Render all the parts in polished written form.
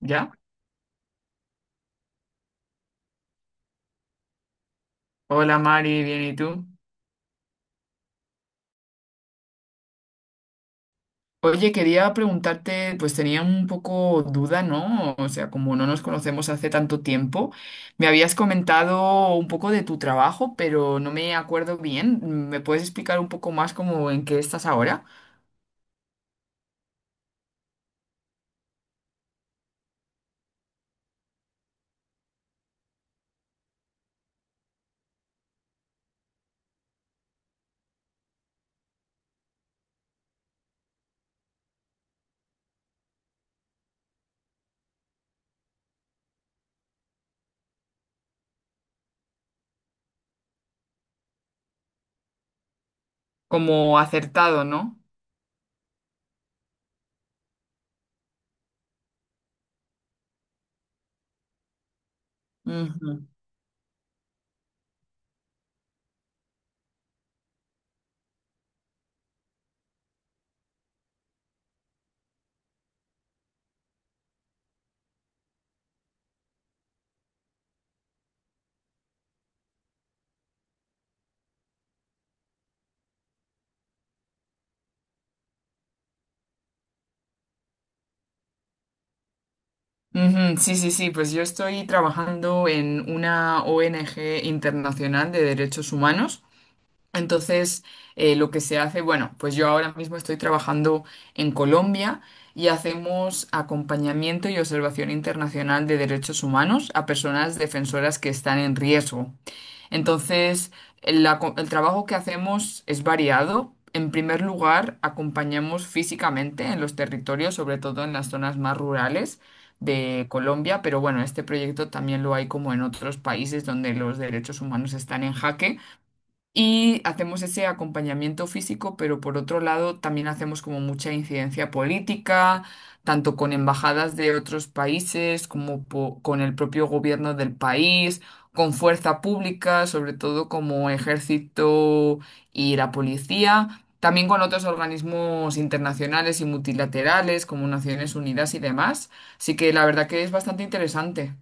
¿Ya? Hola Mari, bien, ¿y tú? Oye, quería preguntarte, pues tenía un poco duda, ¿no? O sea, como no nos conocemos hace tanto tiempo, me habías comentado un poco de tu trabajo, pero no me acuerdo bien. ¿Me puedes explicar un poco más como en qué estás ahora? Como acertado, ¿no? Ujú. Ujú, sí, sí, sí, pues yo estoy trabajando en una ONG internacional de derechos humanos. Entonces, lo que se hace, bueno, pues yo ahora mismo estoy trabajando en Colombia y hacemos acompañamiento y observación internacional de derechos humanos a personas defensoras que están en riesgo. Entonces, el trabajo que hacemos es variado. En primer lugar, acompañamos físicamente en los territorios, sobre todo en las zonas más rurales de Colombia, pero bueno, este proyecto también lo hay como en otros países donde los derechos humanos están en jaque. Y hacemos ese acompañamiento físico, pero por otro lado también hacemos como mucha incidencia política, tanto con embajadas de otros países como con el propio gobierno del país, con fuerza pública, sobre todo como ejército y la policía, también con otros organismos internacionales y multilaterales como Naciones Unidas y demás. Así que la verdad que es bastante interesante.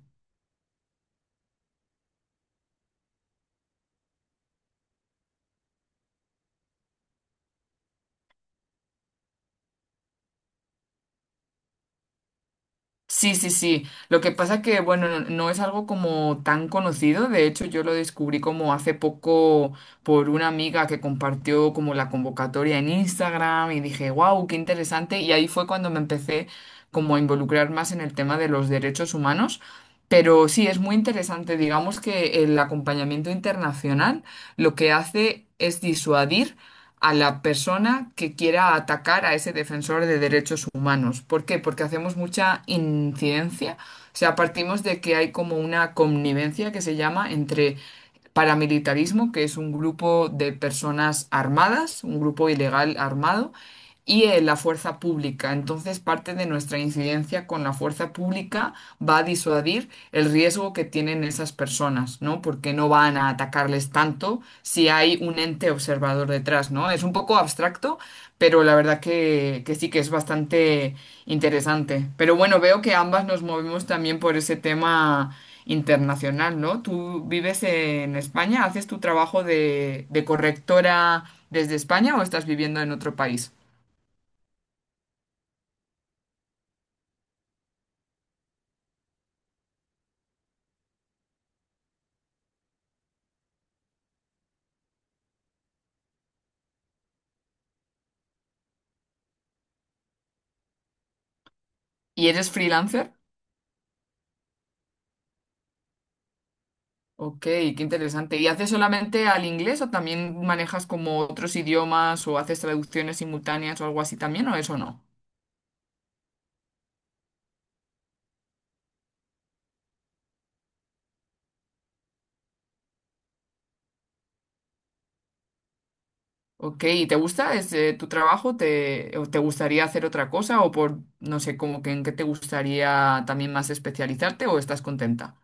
Sí, sí, sí. Lo que pasa que, bueno, no, no es algo como tan conocido. De hecho, yo lo descubrí como hace poco por una amiga que compartió como la convocatoria en Instagram y dije, wow, qué interesante. Y ahí fue cuando me empecé como a involucrar más en el tema de los derechos humanos. Pero sí, es muy interesante. Digamos que el acompañamiento internacional lo que hace es disuadir a la persona que quiera atacar a ese defensor de derechos humanos. ¿Por qué? Porque hacemos mucha incidencia, o sea, partimos de que hay como una connivencia que se llama entre paramilitarismo, que es un grupo de personas armadas, un grupo ilegal armado, y la fuerza pública. Entonces, parte de nuestra incidencia con la fuerza pública va a disuadir el riesgo que tienen esas personas, ¿no? Porque no van a atacarles tanto si hay un ente observador detrás, ¿no? Es un poco abstracto, pero la verdad que sí que es bastante interesante. Pero bueno, veo que ambas nos movemos también por ese tema internacional, ¿no? ¿Tú vives en España? ¿Haces tu trabajo de correctora desde España o estás viviendo en otro país? ¿Y eres freelancer? Ok, qué interesante. ¿Y haces solamente al inglés o también manejas como otros idiomas o haces traducciones simultáneas o algo así también o eso no? Ok, ¿y te gusta tu trabajo? ¿Te, o te gustaría hacer otra cosa o por, no sé, como que en qué te gustaría también más especializarte o estás contenta?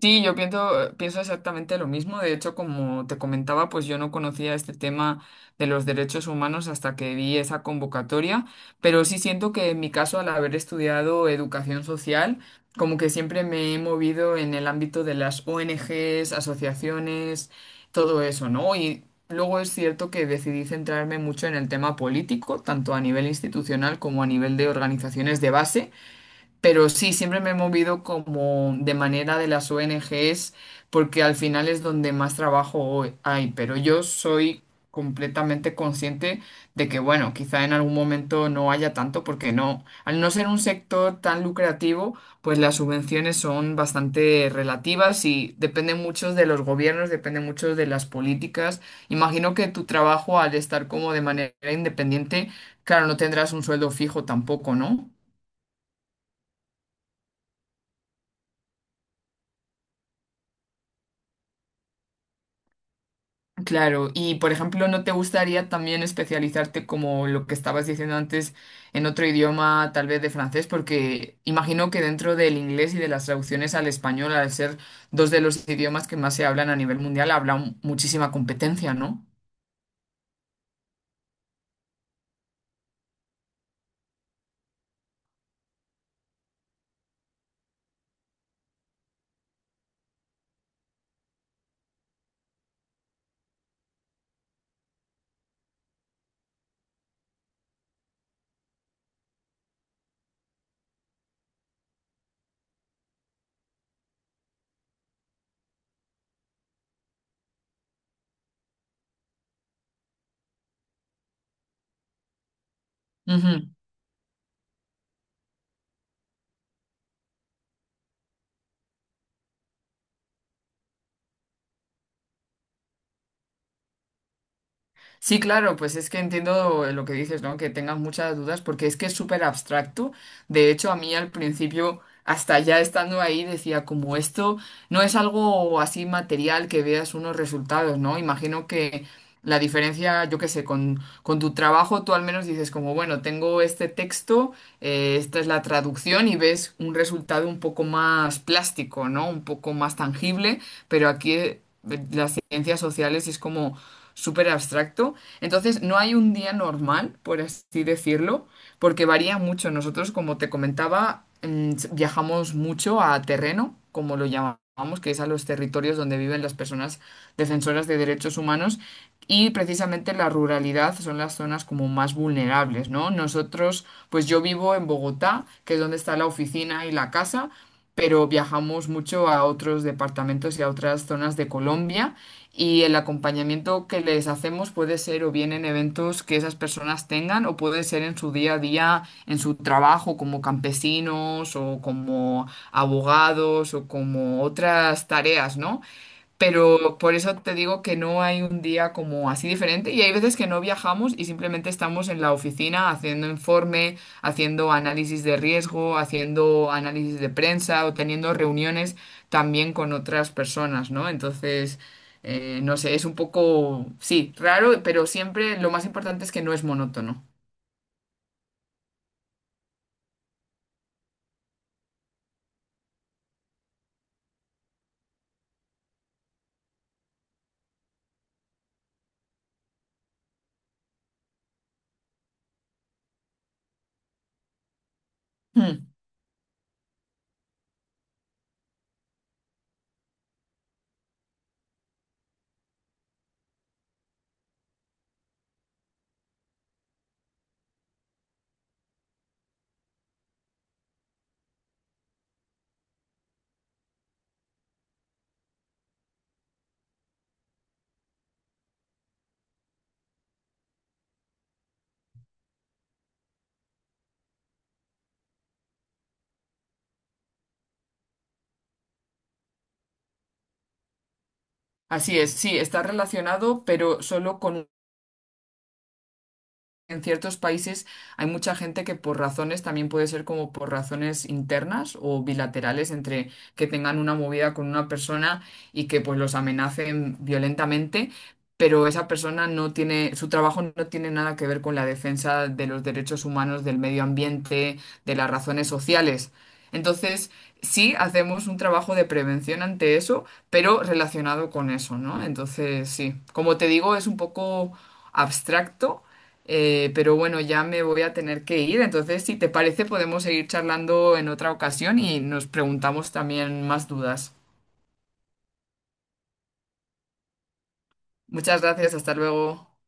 Sí, yo pienso, pienso exactamente lo mismo. De hecho, como te comentaba, pues yo no conocía este tema de los derechos humanos hasta que vi esa convocatoria, pero sí siento que en mi caso, al haber estudiado educación social, como que siempre me he movido en el ámbito de las ONGs, asociaciones, todo eso, ¿no? Y luego es cierto que decidí centrarme mucho en el tema político, tanto a nivel institucional como a nivel de organizaciones de base. Pero sí, siempre me he movido como de manera de las ONGs, porque al final es donde más trabajo hoy hay. Pero yo soy completamente consciente de que, bueno, quizá en algún momento no haya tanto, porque no, al no ser un sector tan lucrativo, pues las subvenciones son bastante relativas y dependen mucho de los gobiernos, dependen mucho de las políticas. Imagino que tu trabajo, al estar como de manera independiente, claro, no tendrás un sueldo fijo tampoco, ¿no? Claro, y por ejemplo, ¿no te gustaría también especializarte como lo que estabas diciendo antes en otro idioma, tal vez de francés? Porque imagino que dentro del inglés y de las traducciones al español, al ser dos de los idiomas que más se hablan a nivel mundial, habrá muchísima competencia, ¿no? Ujú. Sí, claro, pues es que entiendo lo que dices, ¿no? Que tengas muchas dudas, porque es que es súper abstracto. De hecho, a mí al principio, hasta ya estando ahí, decía, como esto no es algo así material que veas unos resultados, ¿no? Imagino que la diferencia, yo qué sé, con tu trabajo, tú al menos dices, como, bueno, tengo este texto, esta es la traducción y ves un resultado un poco más plástico, ¿no? Un poco más tangible, pero aquí, las ciencias sociales es como súper abstracto. Entonces, no hay un día normal, por así decirlo, porque varía mucho. Nosotros, como te comentaba, mm, viajamos mucho a terreno, como lo llamamos, que es a los territorios donde viven las personas defensoras de derechos humanos. Y precisamente la ruralidad son las zonas como más vulnerables, ¿no? Nosotros, pues yo vivo en Bogotá, que es donde está la oficina y la casa, pero viajamos mucho a otros departamentos y a otras zonas de Colombia y el acompañamiento que les hacemos puede ser o bien en eventos que esas personas tengan o puede ser en su día a día, en su trabajo como campesinos o como abogados o como otras tareas, ¿no? Pero por eso te digo que no hay un día como así diferente y hay veces que no viajamos y simplemente estamos en la oficina haciendo informe, haciendo análisis de riesgo, haciendo análisis de prensa o teniendo reuniones también con otras personas, ¿no? Entonces, no sé, es un poco, sí, raro, pero siempre lo más importante es que no es monótono. Hmm. Así es, sí, está relacionado, pero solo con en ciertos países hay mucha gente que por razones, también puede ser como por razones internas o bilaterales entre que tengan una movida con una persona y que pues los amenacen violentamente, pero esa persona no tiene, su trabajo no tiene nada que ver con la defensa de los derechos humanos, del medio ambiente, de las razones sociales. Entonces, sí hacemos un trabajo de prevención ante eso, pero relacionado con eso, ¿no? Entonces, sí, como te digo, es un poco abstracto pero bueno, ya me voy a tener que ir, entonces si te parece podemos seguir charlando en otra ocasión y nos preguntamos también más dudas. Muchas gracias, hasta luego.